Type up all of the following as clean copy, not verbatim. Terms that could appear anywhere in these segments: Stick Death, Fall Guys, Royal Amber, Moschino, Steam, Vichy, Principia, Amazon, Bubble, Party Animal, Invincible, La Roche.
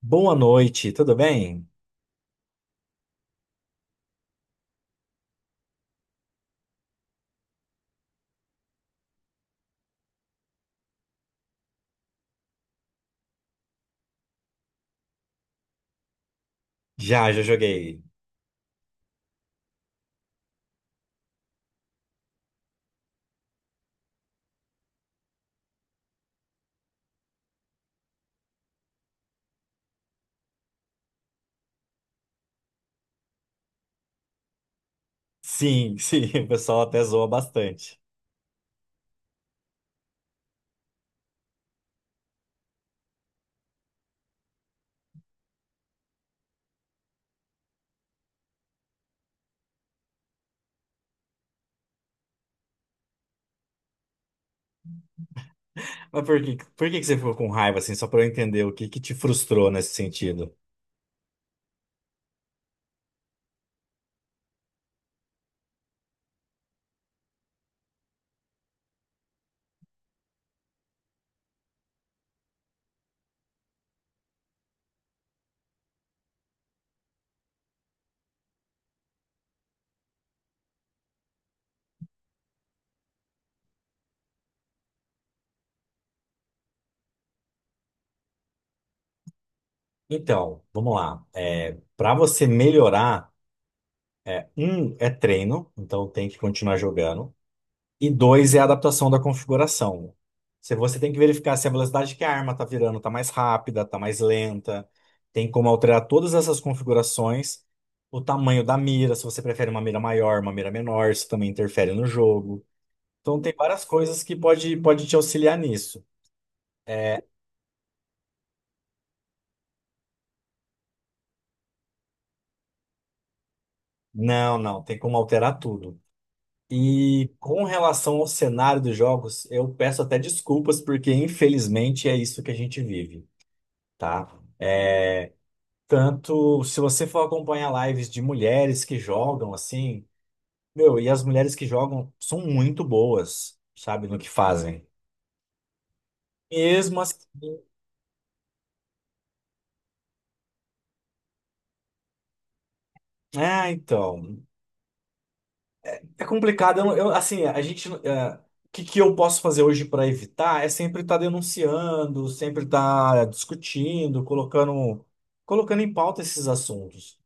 Boa noite, tudo bem? Já joguei. Sim, sim, o pessoal até zoa bastante. Mas por que que você ficou com raiva, assim, só para eu entender o que que te frustrou nesse sentido? Então, vamos lá. Para você melhorar, um é treino, então tem que continuar jogando. E dois é a adaptação da configuração. Se você tem que verificar se a velocidade que a arma está virando está mais rápida, está mais lenta, tem como alterar todas essas configurações, o tamanho da mira, se você prefere uma mira maior, uma mira menor, isso também interfere no jogo. Então tem várias coisas que pode te auxiliar nisso. É. Não, não, tem como alterar tudo. E com relação ao cenário dos jogos, eu peço até desculpas, porque infelizmente é isso que a gente vive, tá? Tanto se você for acompanhar lives de mulheres que jogam assim, meu, e as mulheres que jogam são muito boas, sabe, no que fazem. Mesmo assim, é, então, é complicado. Eu, assim, a gente, é, o que que eu posso fazer hoje para evitar é sempre estar denunciando, sempre estar discutindo, colocando em pauta esses assuntos,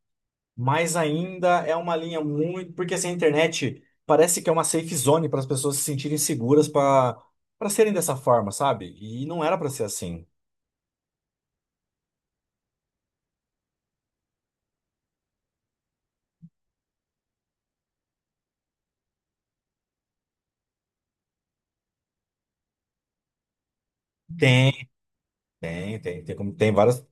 mas ainda é uma linha muito. Porque assim, a internet parece que é uma safe zone para as pessoas se sentirem seguras para serem dessa forma, sabe? E não era para ser assim. Tem, tem como, tem várias.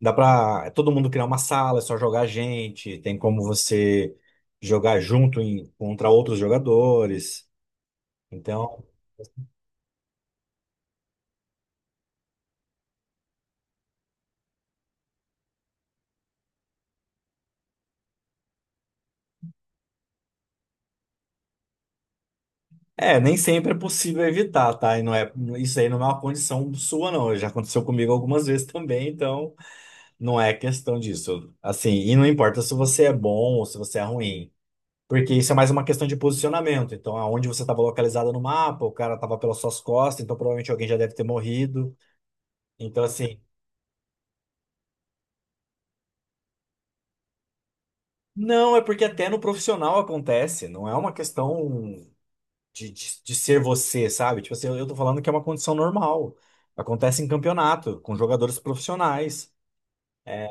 Dá para todo mundo criar uma sala, é só jogar gente, tem como você jogar junto em- contra outros jogadores. Então, é, nem sempre é possível evitar, tá? E não é, isso aí não é uma condição sua, não. Já aconteceu comigo algumas vezes também, então. Não é questão disso. Assim, e não importa se você é bom ou se você é ruim, porque isso é mais uma questão de posicionamento. Então, aonde você estava localizado no mapa, o cara estava pelas suas costas, então provavelmente alguém já deve ter morrido. Então, assim, não, é porque até no profissional acontece, não é uma questão de ser você, sabe? Tipo assim, eu tô falando que é uma condição normal. Acontece em campeonato, com jogadores profissionais. É.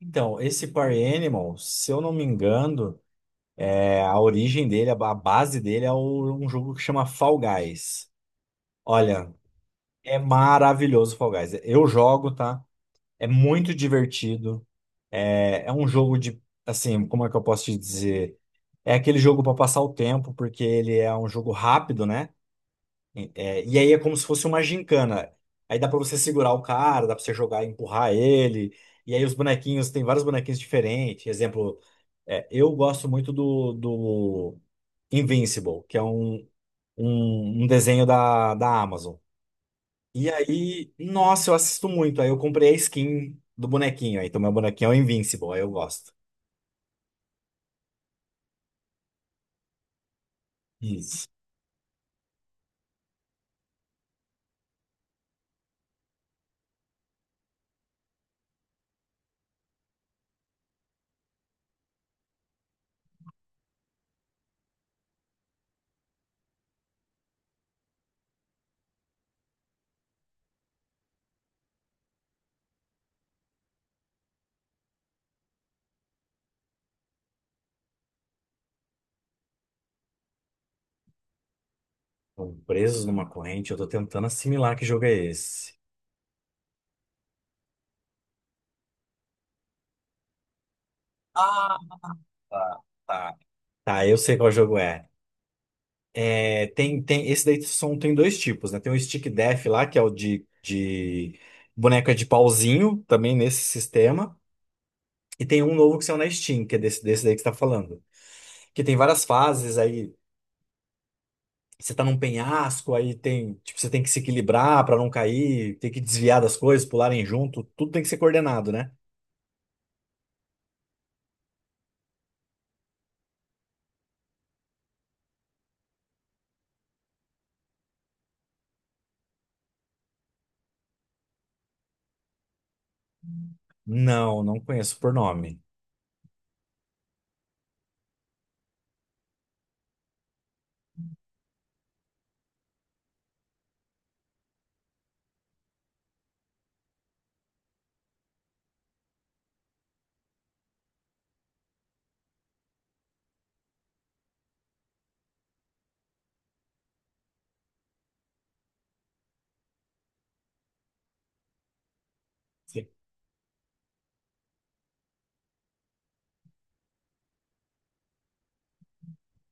Então, esse Party Animal, se eu não me engano. É, a origem dele, a base dele é o- um jogo que chama Fall Guys. Olha, é maravilhoso o Fall Guys. Eu jogo, tá? É muito divertido. É, é um jogo de, assim, como é que eu posso te dizer? É aquele jogo para passar o tempo, porque ele é um jogo rápido, né? É, e aí é como se fosse uma gincana. Aí dá pra você segurar o cara, dá pra você jogar e empurrar ele. E aí os bonequinhos, tem vários bonequinhos diferentes. Exemplo, é, eu gosto muito do Invincible, que é um, um desenho da Amazon. E aí, nossa, eu assisto muito. Aí eu comprei a skin do bonequinho. Aí, então meu bonequinho é o Invincible, aí eu gosto. Isso. Estão presos numa corrente, eu tô tentando assimilar que jogo é esse. Ah, tá, tá. Tá, eu sei qual jogo é. É, esse daí são, tem dois tipos, né? Tem o Stick Death lá, que é o de boneca de pauzinho, também nesse sistema. E tem um novo que saiu na Steam, que é desse daí que você tá falando. Que tem várias fases aí. Você tá num penhasco, aí tem, tipo, você tem que se equilibrar pra não cair, tem que desviar das coisas, pularem junto, tudo tem que ser coordenado, né? Não, não conheço por nome. Sim.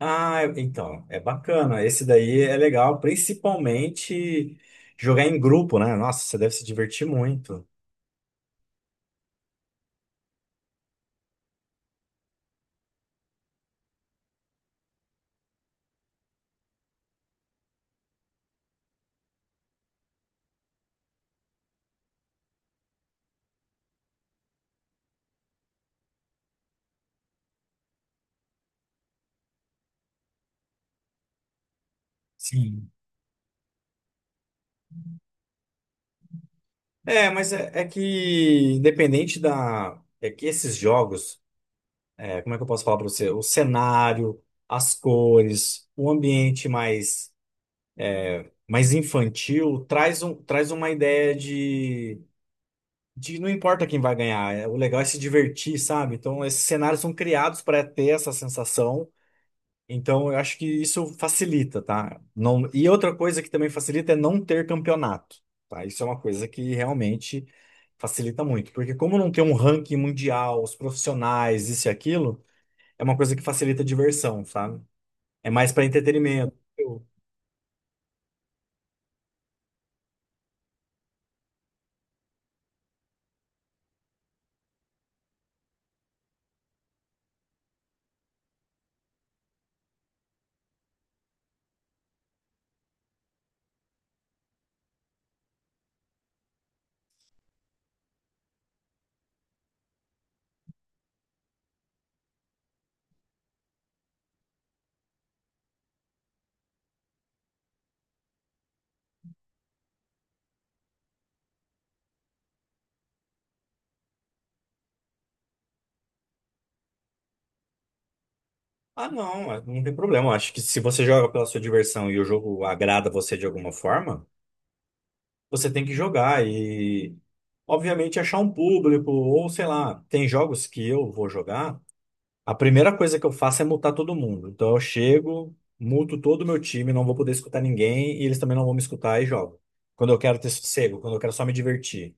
Ah, é- então, é bacana. Esse daí é legal, principalmente jogar em grupo, né? Nossa, você deve se divertir muito. Sim. É, mas é, é que independente da. É que esses jogos, é, como é que eu posso falar pra você? O cenário, as cores, o ambiente mais, mais infantil, traz um, traz uma ideia de não importa quem vai ganhar, é- o legal é se divertir, sabe? Então, esses cenários são criados para ter essa sensação. Então, eu acho que isso facilita, tá? Não, e outra coisa que também facilita é não ter campeonato, tá? Isso é uma coisa que realmente facilita muito, porque como não tem um ranking mundial, os profissionais, isso e aquilo, é uma coisa que facilita a diversão, sabe? É mais para entretenimento. Ah, não, é- não tem problema. Eu acho que se você joga pela sua diversão e o jogo agrada você de alguma forma, você tem que jogar e, obviamente, achar um público, ou sei lá, tem jogos que eu vou jogar, a primeira coisa que eu faço é multar todo mundo. Então eu chego, multo todo o meu time, não vou poder escutar ninguém e eles também não vão me escutar e jogo. Quando eu quero ter sossego, quando eu quero só me divertir.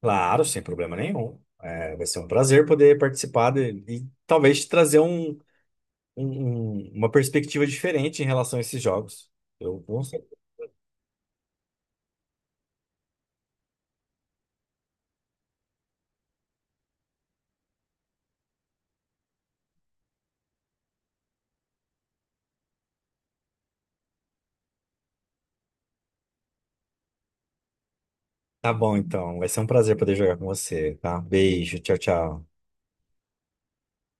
Claro, sem problema nenhum. É, vai ser um prazer poder participar de- e talvez te trazer um, uma perspectiva diferente em relação a esses jogos. Eu, com tá bom, então. Vai ser um prazer poder jogar com você, tá? Beijo, tchau, tchau.